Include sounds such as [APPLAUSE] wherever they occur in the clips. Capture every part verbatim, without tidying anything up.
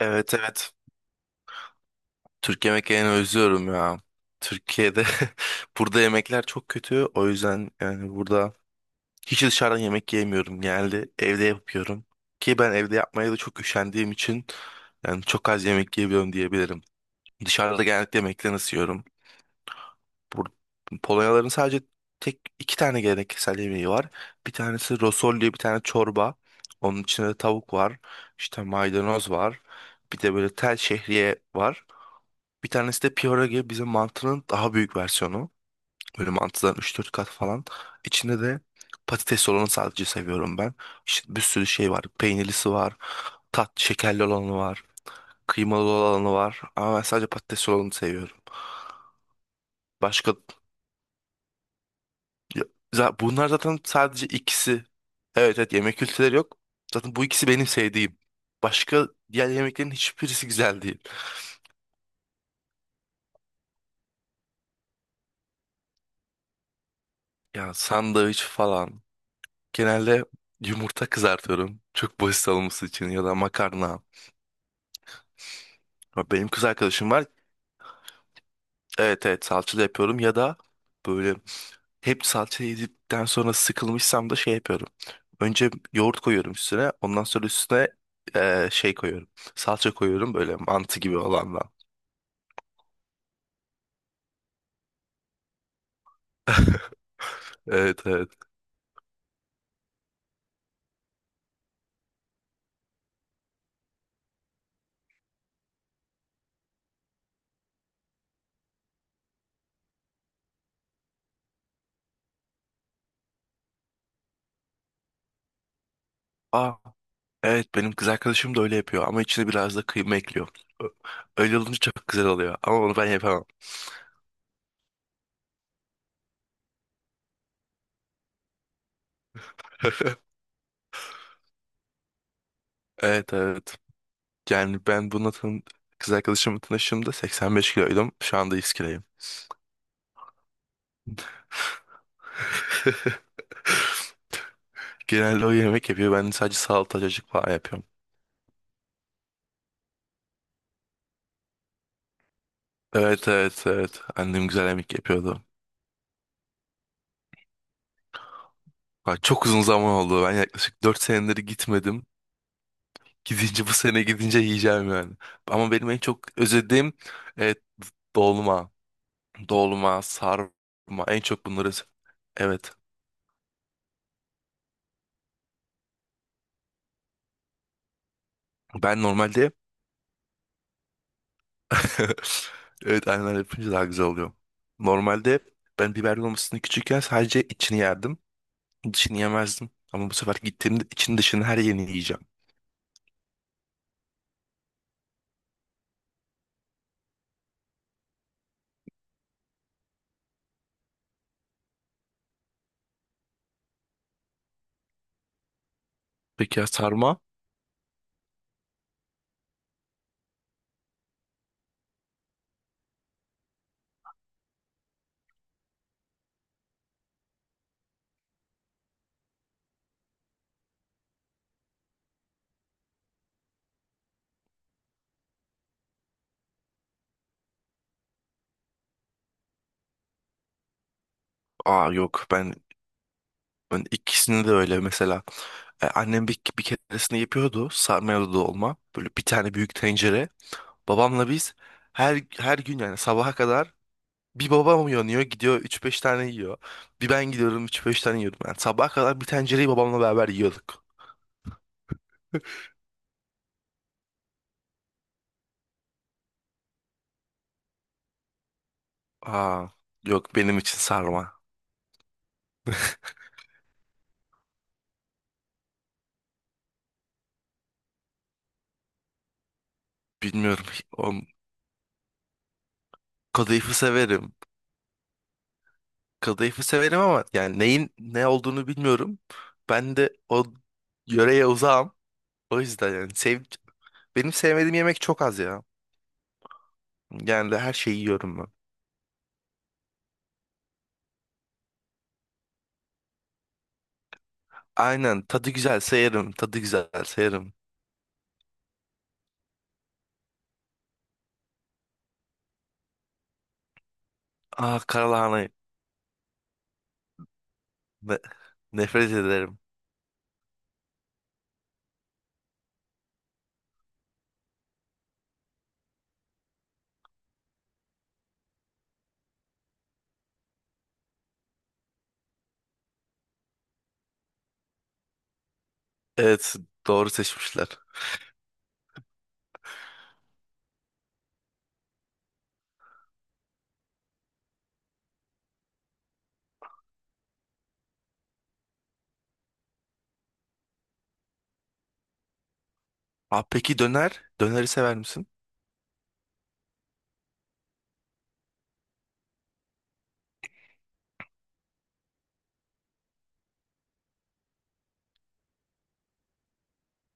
Evet, evet. Türk yemeklerini özlüyorum ya. Türkiye'de [LAUGHS] Burada yemekler çok kötü. O yüzden yani burada hiç dışarıdan yemek yemiyorum. Genelde evde yapıyorum. Ki ben evde yapmaya da çok üşendiğim için yani çok az yemek yiyebiliyorum diyebilirim. Dışarıda genellikle yemekten ısıyorum. Bur Polonyaların sadece tek iki tane geleneksel yemeği var. Bir tanesi rosol diye bir tane çorba. Onun içinde tavuk var. İşte maydanoz var. Bir de böyle tel şehriye var. Bir tanesi de pierogi, bizim mantının daha büyük versiyonu. Böyle mantıdan üç dört kat falan. İçinde de patates olanı sadece seviyorum ben. İşte bir sürü şey var. Peynirlisi var. Tat şekerli olanı var. Kıymalı olanı var. Ama ben sadece patates olanı seviyorum. Başka ya- za- bunlar zaten sadece ikisi. Evet, evet, yemek kültürleri yok. Zaten bu ikisi benim sevdiğim. Başka diğer yemeklerin hiçbirisi güzel değil. Yani sandviç falan. Genelde yumurta kızartıyorum. Çok basit olması için ya da makarna. Ya, benim kız arkadaşım var. Evet, evet, salçalı yapıyorum ya da böyle hep salça yedikten sonra sıkılmışsam da şey yapıyorum. Önce yoğurt koyuyorum üstüne. Ondan sonra üstüne eee, şey koyuyorum. Salça koyuyorum böyle mantı gibi olandan. Evet, evet. Aa, evet, benim kız arkadaşım da öyle yapıyor ama içine biraz da kıyma ekliyor. Ö- Öyle olunca çok güzel oluyor ama onu ben yapamam. [LAUGHS] Evet, evet. Yani ben buna tan kız arkadaşımla tanıştığımda seksen beş kiloydum. Şu anda yüz kiloyum. [LAUGHS] Genelde o yemek yapıyor. Ben sadece salata cacık falan yapıyorum. Evet, evet, evet. Annem güzel yemek yapıyordu. Bak, çok uzun zaman oldu. Ben yaklaşık dört senedir gitmedim. Gidince bu sene gidince yiyeceğim yani. Ama benim en çok özlediğim, evet, dolma. Dolma, sarma. En çok bunları... Evet. Ben normalde [LAUGHS] evet, aynen, yapınca daha güzel oluyor. Normalde ben biber dolmasını küçükken sadece içini yerdim. Dışını yemezdim. Ama bu sefer gittiğimde için dışını her yerini yiyeceğim. Peki ya sarma? Aa, yok, ben Ben ikisini de öyle mesela. E, annem bir, bir keresinde yapıyordu sarmayalı dolma. Böyle bir tane büyük tencere. Babamla biz her her gün yani sabaha kadar bir babam uyanıyor gidiyor üç beş tane yiyor. Bir ben gidiyorum üç beş tane yiyordum. Yani sabaha kadar bir tencereyi babamla beraber yiyorduk. Aa, yok, benim için sarma. [LAUGHS] Bilmiyorum. O, kadayıfı severim. Kadayıfı severim ama yani neyin ne olduğunu bilmiyorum. Ben de o yöreye uzağım. O yüzden yani sev benim sevmediğim yemek çok az ya. Genelde her şeyi yiyorum ben. Aynen, tadı güzel yerim. Tadı güzel yerim. Ah, karalahana. Ne- nefret ederim. Evet, doğru seçmişler. Ah, peki döner. Döneri sever misin?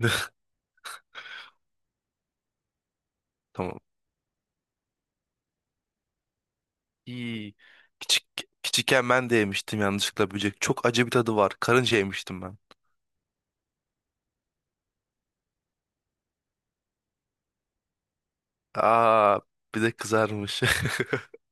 [LAUGHS] Tamam. İyi. Küçük, küçükken ben de yemiştim yanlışlıkla böcek. Çok acı bir tadı var. Karınca yemiştim ben. Aa, bir de kızarmış. [LAUGHS]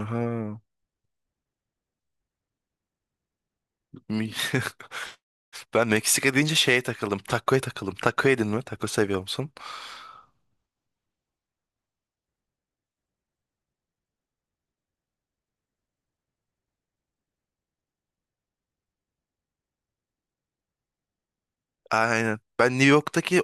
Aha. Mi- [LAUGHS] Ben Meksika deyince şeye takıldım. Taco'ya takıldım. Taco yedin mi? Taco seviyor musun? Aynen. Ben New York'taki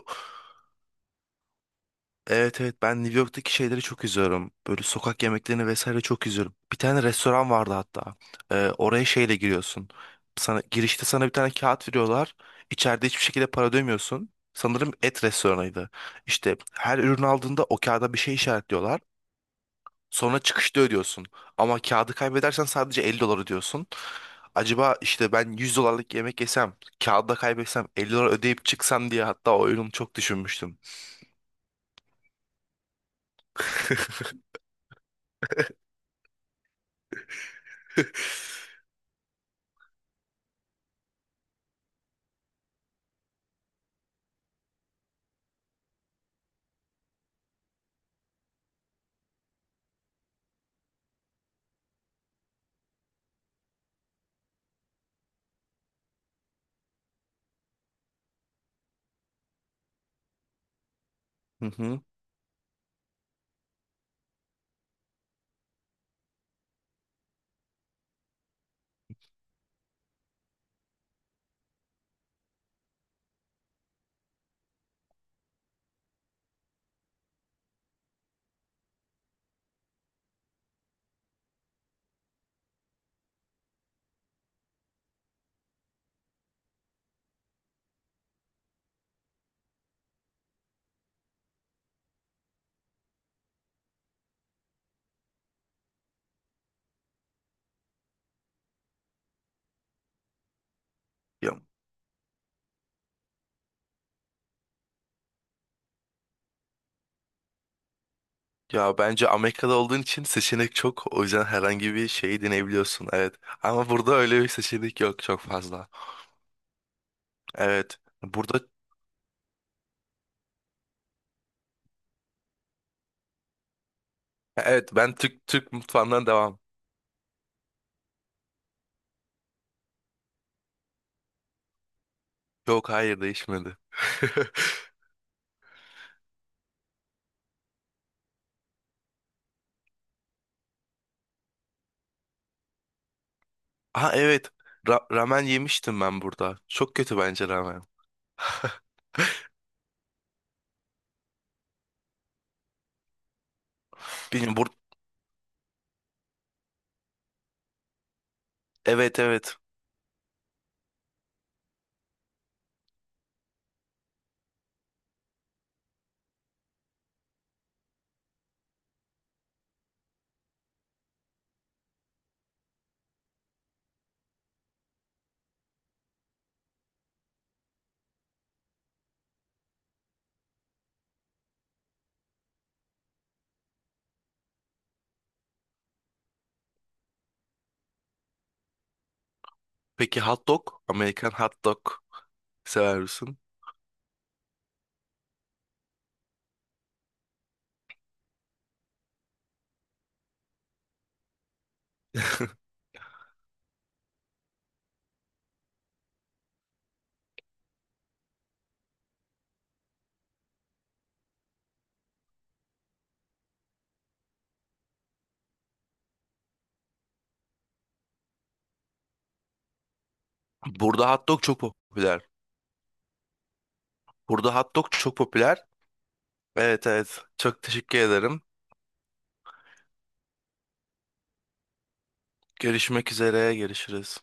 Evet, evet, ben New York'taki şeyleri çok izliyorum. Böyle sokak yemeklerini vesaire çok izliyorum. Bir tane restoran vardı hatta. Ee, oraya şeyle giriyorsun. Sana girişte sana bir tane kağıt veriyorlar. İçeride hiçbir şekilde para ödemiyorsun. Sanırım et restoranıydı. İşte her ürün aldığında o kağıda bir şey işaretliyorlar. Sonra çıkışta ödüyorsun. Ama kağıdı kaybedersen sadece elli dolar ödüyorsun. Acaba işte ben yüz dolarlık yemek yesem, kağıdı da kaybetsem elli dolar ödeyip çıksam diye hatta o oyunu çok düşünmüştüm. [LAUGHS] Hı hı. Ya, ya bence Amerika'da olduğun için seçenek çok. O yüzden herhangi bir şeyi deneyebiliyorsun. Evet. Ama burada öyle bir seçenek yok çok fazla. Evet. Burada evet, ben Türk Türk mutfağından devam. Yok, hayır, değişmedi. [LAUGHS] Ha, evet. Ra- ramen yemiştim ben burada. Çok kötü bence ramen. [LAUGHS] Bilmiyorum bur Evet, evet. Peki hot dog? Amerikan hot dog sever misin? [LAUGHS] Burada hot dog çok popüler. Burada hot dog çok popüler. Evet, evet. Çok teşekkür ederim. Görüşmek üzere. Görüşürüz.